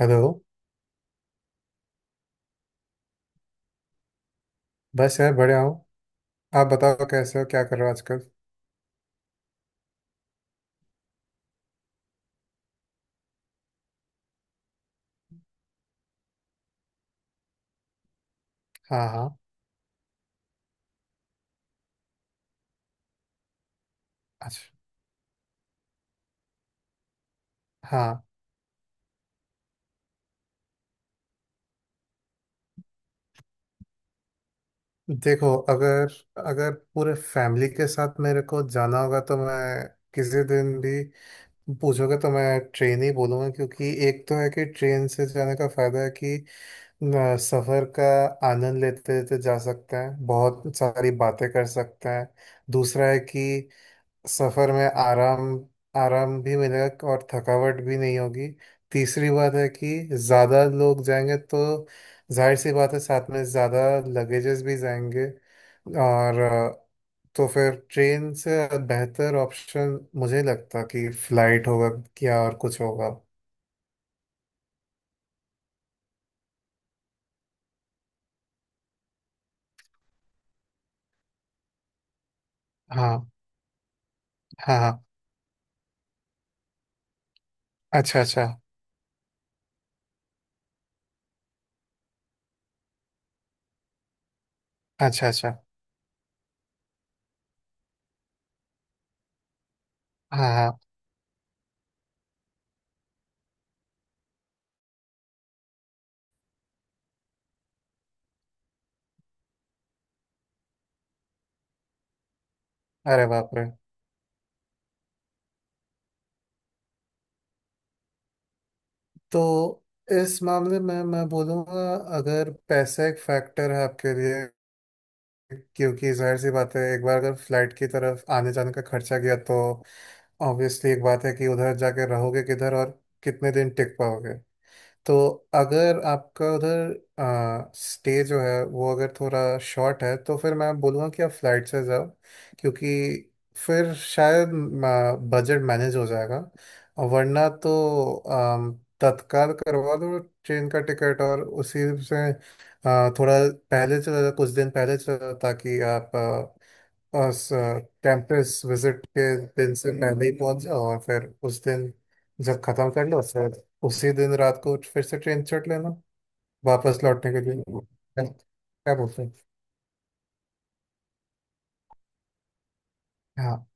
Hello. बस यार बढ़िया हूँ। आप बताओ कैसे हो, क्या कर रहे हो आजकल? हाँ हाँ। अच्छा। हाँ। देखो, अगर अगर पूरे फैमिली के साथ मेरे को जाना होगा तो मैं किसी दिन भी पूछोगे तो मैं ट्रेन ही बोलूँगा, क्योंकि एक तो है कि ट्रेन से जाने का फ़ायदा है कि न, सफ़र का आनंद लेते लेते जा सकते हैं, बहुत सारी बातें कर सकते हैं। दूसरा है कि सफर में आराम आराम भी मिलेगा और थकावट भी नहीं होगी। तीसरी बात है कि ज़्यादा लोग जाएंगे तो जाहिर सी बात है साथ में ज़्यादा लगेजेस भी जाएंगे, और तो फिर ट्रेन से बेहतर ऑप्शन मुझे लगता कि फ्लाइट होगा। क्या और कुछ होगा? हाँ हाँ हाँ। अच्छा अच्छा। अच्छा अच्छा। हाँ हाँ। अरे बाप रे। तो इस मामले में मैं बोलूँगा, अगर पैसा एक फैक्टर है आपके लिए, क्योंकि जाहिर सी बात है एक बार अगर फ्लाइट की तरफ आने जाने का खर्चा गया तो ऑब्वियसली एक बात है कि उधर जाके रहोगे किधर, और कितने दिन टिक पाओगे। तो अगर आपका उधर स्टे जो है वो अगर थोड़ा शॉर्ट है तो फिर मैं बोलूँगा कि आप फ्लाइट से जाओ, क्योंकि फिर शायद बजट मैनेज हो जाएगा। और वरना तो अम, तत्काल करवा दो ट्रेन का टिकट, और उसी से थोड़ा पहले चला जाओ, कुछ दिन पहले चला जाओ, ताकि आप और कैंपस विजिट के दिन से पहले ही पहुंच जाओ और फिर उस दिन जब खत्म कर लो, फिर उसी दिन रात को फिर से ट्रेन चढ़ लेना, वापस लौटने के लिए। क्या क्या बोलते हैं? हाँ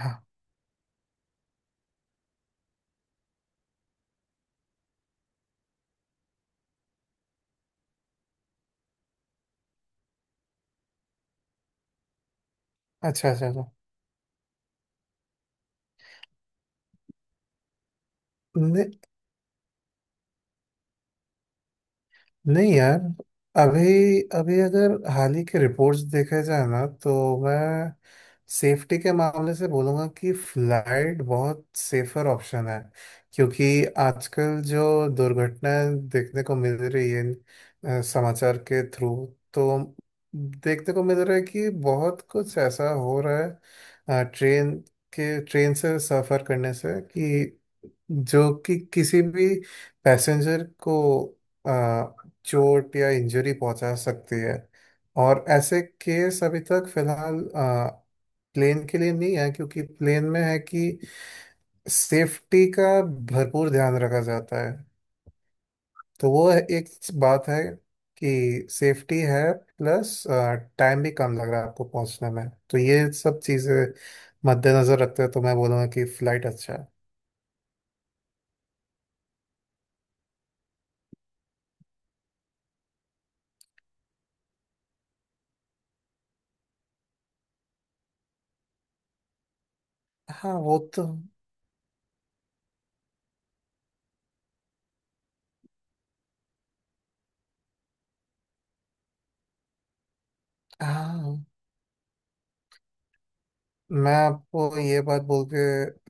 हाँ। अच्छा अच्छा अच्छा। नहीं यार, अभी अभी अगर हाल ही के रिपोर्ट्स देखे जाए ना तो मैं सेफ्टी के मामले से बोलूँगा कि फ्लाइट बहुत सेफर ऑप्शन है। क्योंकि आजकल जो दुर्घटनाएं देखने को मिल रही है समाचार के थ्रू, तो देखने को मिल रहा है कि बहुत कुछ ऐसा हो रहा है ट्रेन से सफ़र करने से, कि जो कि किसी भी पैसेंजर को आ, चोट या इंजरी पहुंचा सकती है। और ऐसे केस अभी तक फिलहाल प्लेन के लिए नहीं है, क्योंकि प्लेन में है कि सेफ्टी का भरपूर ध्यान रखा जाता है। तो वो एक बात है कि सेफ्टी है, प्लस टाइम भी कम लग रहा है आपको पहुंचने में, तो ये सब चीज़ें मद्देनजर रखते हुए तो मैं बोलूँगा कि फ्लाइट अच्छा है। हाँ वो तो। हाँ, मैं आपको ये बात बोल के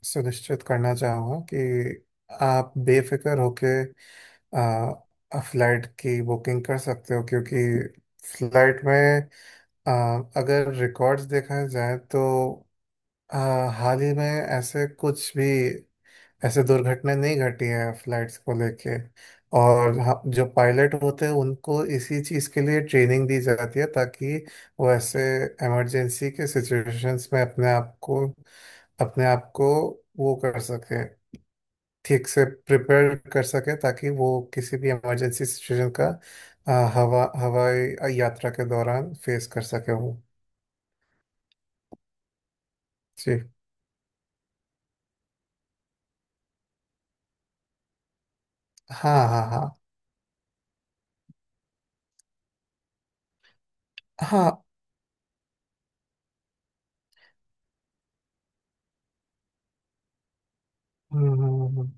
सुनिश्चित करना चाहूँगा कि आप बेफिक्र होके फ्लाइट की बुकिंग कर सकते हो, क्योंकि फ्लाइट में आ, अगर रिकॉर्ड्स देखा जाए तो आ, हाल ही में ऐसे कुछ भी, ऐसे दुर्घटनाएं नहीं घटी है फ्लाइट्स को लेके। और हाँ, जो पायलट होते हैं उनको इसी चीज़ के लिए ट्रेनिंग दी जाती है, ताकि वो ऐसे इमरजेंसी के सिचुएशंस में अपने आप को वो कर सके, ठीक से प्रिपेयर कर सके, ताकि वो किसी भी इमरजेंसी सिचुएशन का हवाई यात्रा के दौरान फेस कर सके वो। जी। हाँ हाँ हाँ हाँ। हम्म, हम्म, हम्म।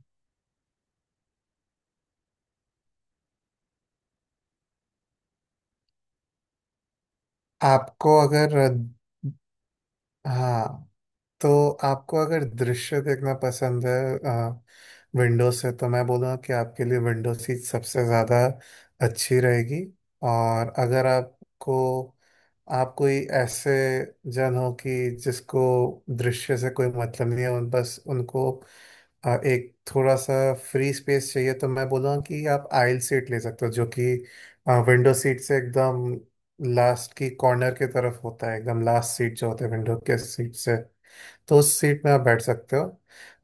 आपको अगर। हाँ। तो आपको अगर दृश्य देखना पसंद है विंडो से, तो मैं बोलूँगा कि आपके लिए विंडो सीट सबसे ज़्यादा अच्छी रहेगी। और अगर आपको, आप कोई ऐसे जन हो कि जिसको दृश्य से कोई मतलब नहीं है, उन बस उनको एक थोड़ा सा फ्री स्पेस चाहिए, तो मैं बोलूँगा कि आप आइल सीट ले सकते हो, जो कि विंडो सीट से एकदम लास्ट की कॉर्नर की तरफ होता है, एकदम लास्ट सीट जो होता है विंडो के सीट से। तो उस सीट में आप बैठ सकते हो।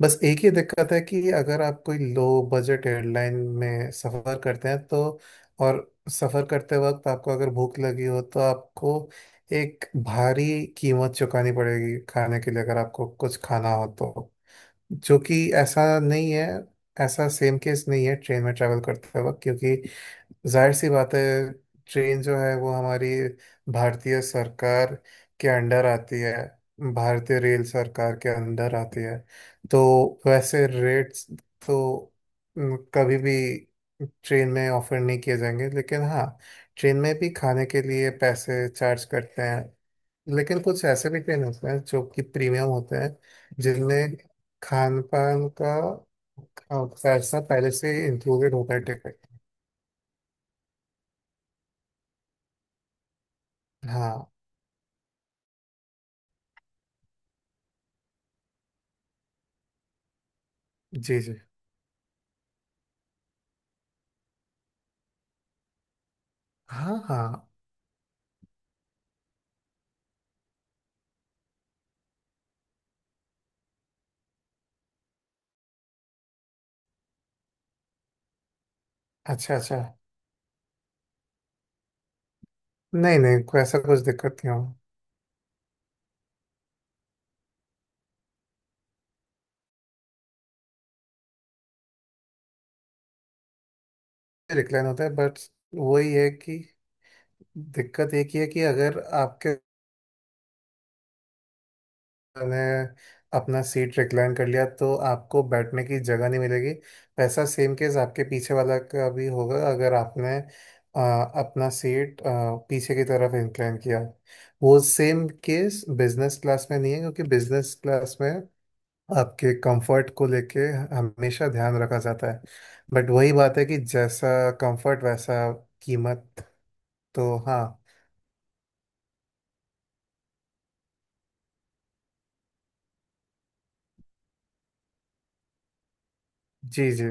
बस एक ही दिक्कत है कि अगर आप कोई लो बजट एयरलाइन में सफ़र करते हैं, तो और सफ़र करते वक्त आपको अगर भूख लगी हो तो आपको एक भारी कीमत चुकानी पड़ेगी खाने के लिए, अगर आपको कुछ खाना हो तो, जो कि ऐसा नहीं है। ऐसा सेम केस नहीं है ट्रेन में ट्रैवल करते वक्त, क्योंकि जाहिर सी बात है ट्रेन जो है वो हमारी भारतीय सरकार के अंडर आती है, भारतीय रेल सरकार के अंडर आती है। तो वैसे रेट्स तो न, कभी भी ट्रेन में ऑफर नहीं किए जाएंगे, लेकिन हाँ, ट्रेन में भी खाने के लिए पैसे चार्ज करते हैं। लेकिन कुछ ऐसे भी ट्रेन होते हैं जो कि प्रीमियम होते हैं, जिनमें खान पान का पैसा पहले से इंक्लूडेड होता है टिकट। हाँ। जी जी। हाँ हाँ। अच्छा अच्छा। नहीं नहीं, कोई ऐसा कुछ दिक्कत नहीं हो। रिक्लाइन होता है, बट वही है कि दिक्कत एक ही है कि अगर आपके ने अपना सीट रिक्लाइन कर लिया तो आपको बैठने की जगह नहीं मिलेगी। वैसा सेम केस आपके पीछे वाला का भी होगा, अगर आपने अपना सीट पीछे की तरफ इंक्लाइन किया। वो सेम केस बिजनेस क्लास में नहीं है, क्योंकि बिजनेस क्लास में आपके कंफर्ट को लेके हमेशा ध्यान रखा जाता है। बट वही बात है कि जैसा कंफर्ट वैसा कीमत, तो हाँ। जी जी।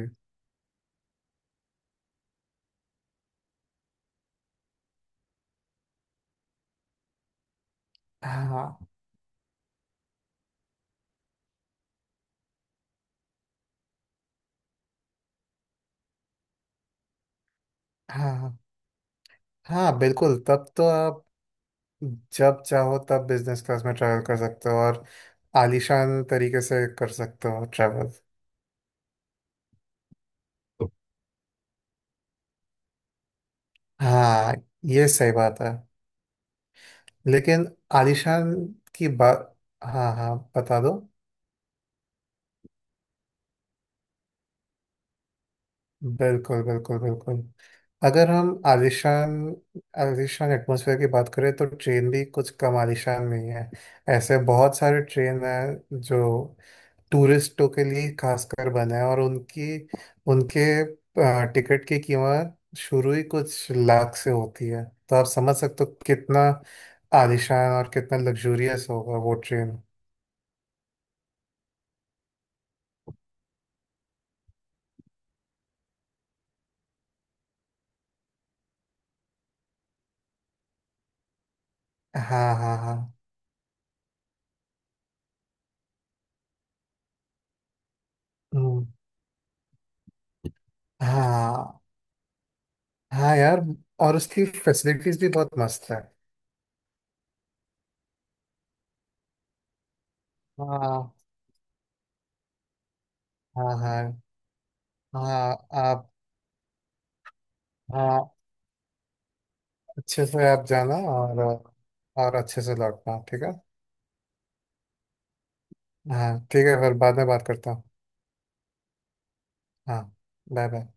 हाँ हाँ हाँ, बिल्कुल, तब तो आप जब चाहो तब बिजनेस क्लास में ट्रैवल कर सकते हो, और आलीशान तरीके से कर सकते हो ट्रैवल। हाँ, ये सही बात है। लेकिन आलीशान की बात। हाँ हाँ, बता दो। बिल्कुल बिल्कुल बिल्कुल। अगर हम आलिशान आलिशान एटमॉस्फेयर की बात करें, तो ट्रेन भी कुछ कम आलिशान नहीं है। ऐसे बहुत सारे ट्रेन हैं जो टूरिस्टों के लिए खासकर बने हैं, और उनकी उनके टिकट की कीमत शुरू ही कुछ लाख से होती है, तो आप समझ सकते हो कितना आलिशान और कितना लग्जूरियस होगा वो ट्रेन। हाँ हाँ हाँ। हम्म। हाँ। हाँ यार, और उसकी फैसिलिटीज भी बहुत मस्त है। हाँ हाँ हाँ। हाँ आप। हाँ। अच्छे से आप जाना, और अच्छे से लौटना, ठीक है? हाँ ठीक है फिर, बाद में बात करता हूँ। हाँ। Bye bye.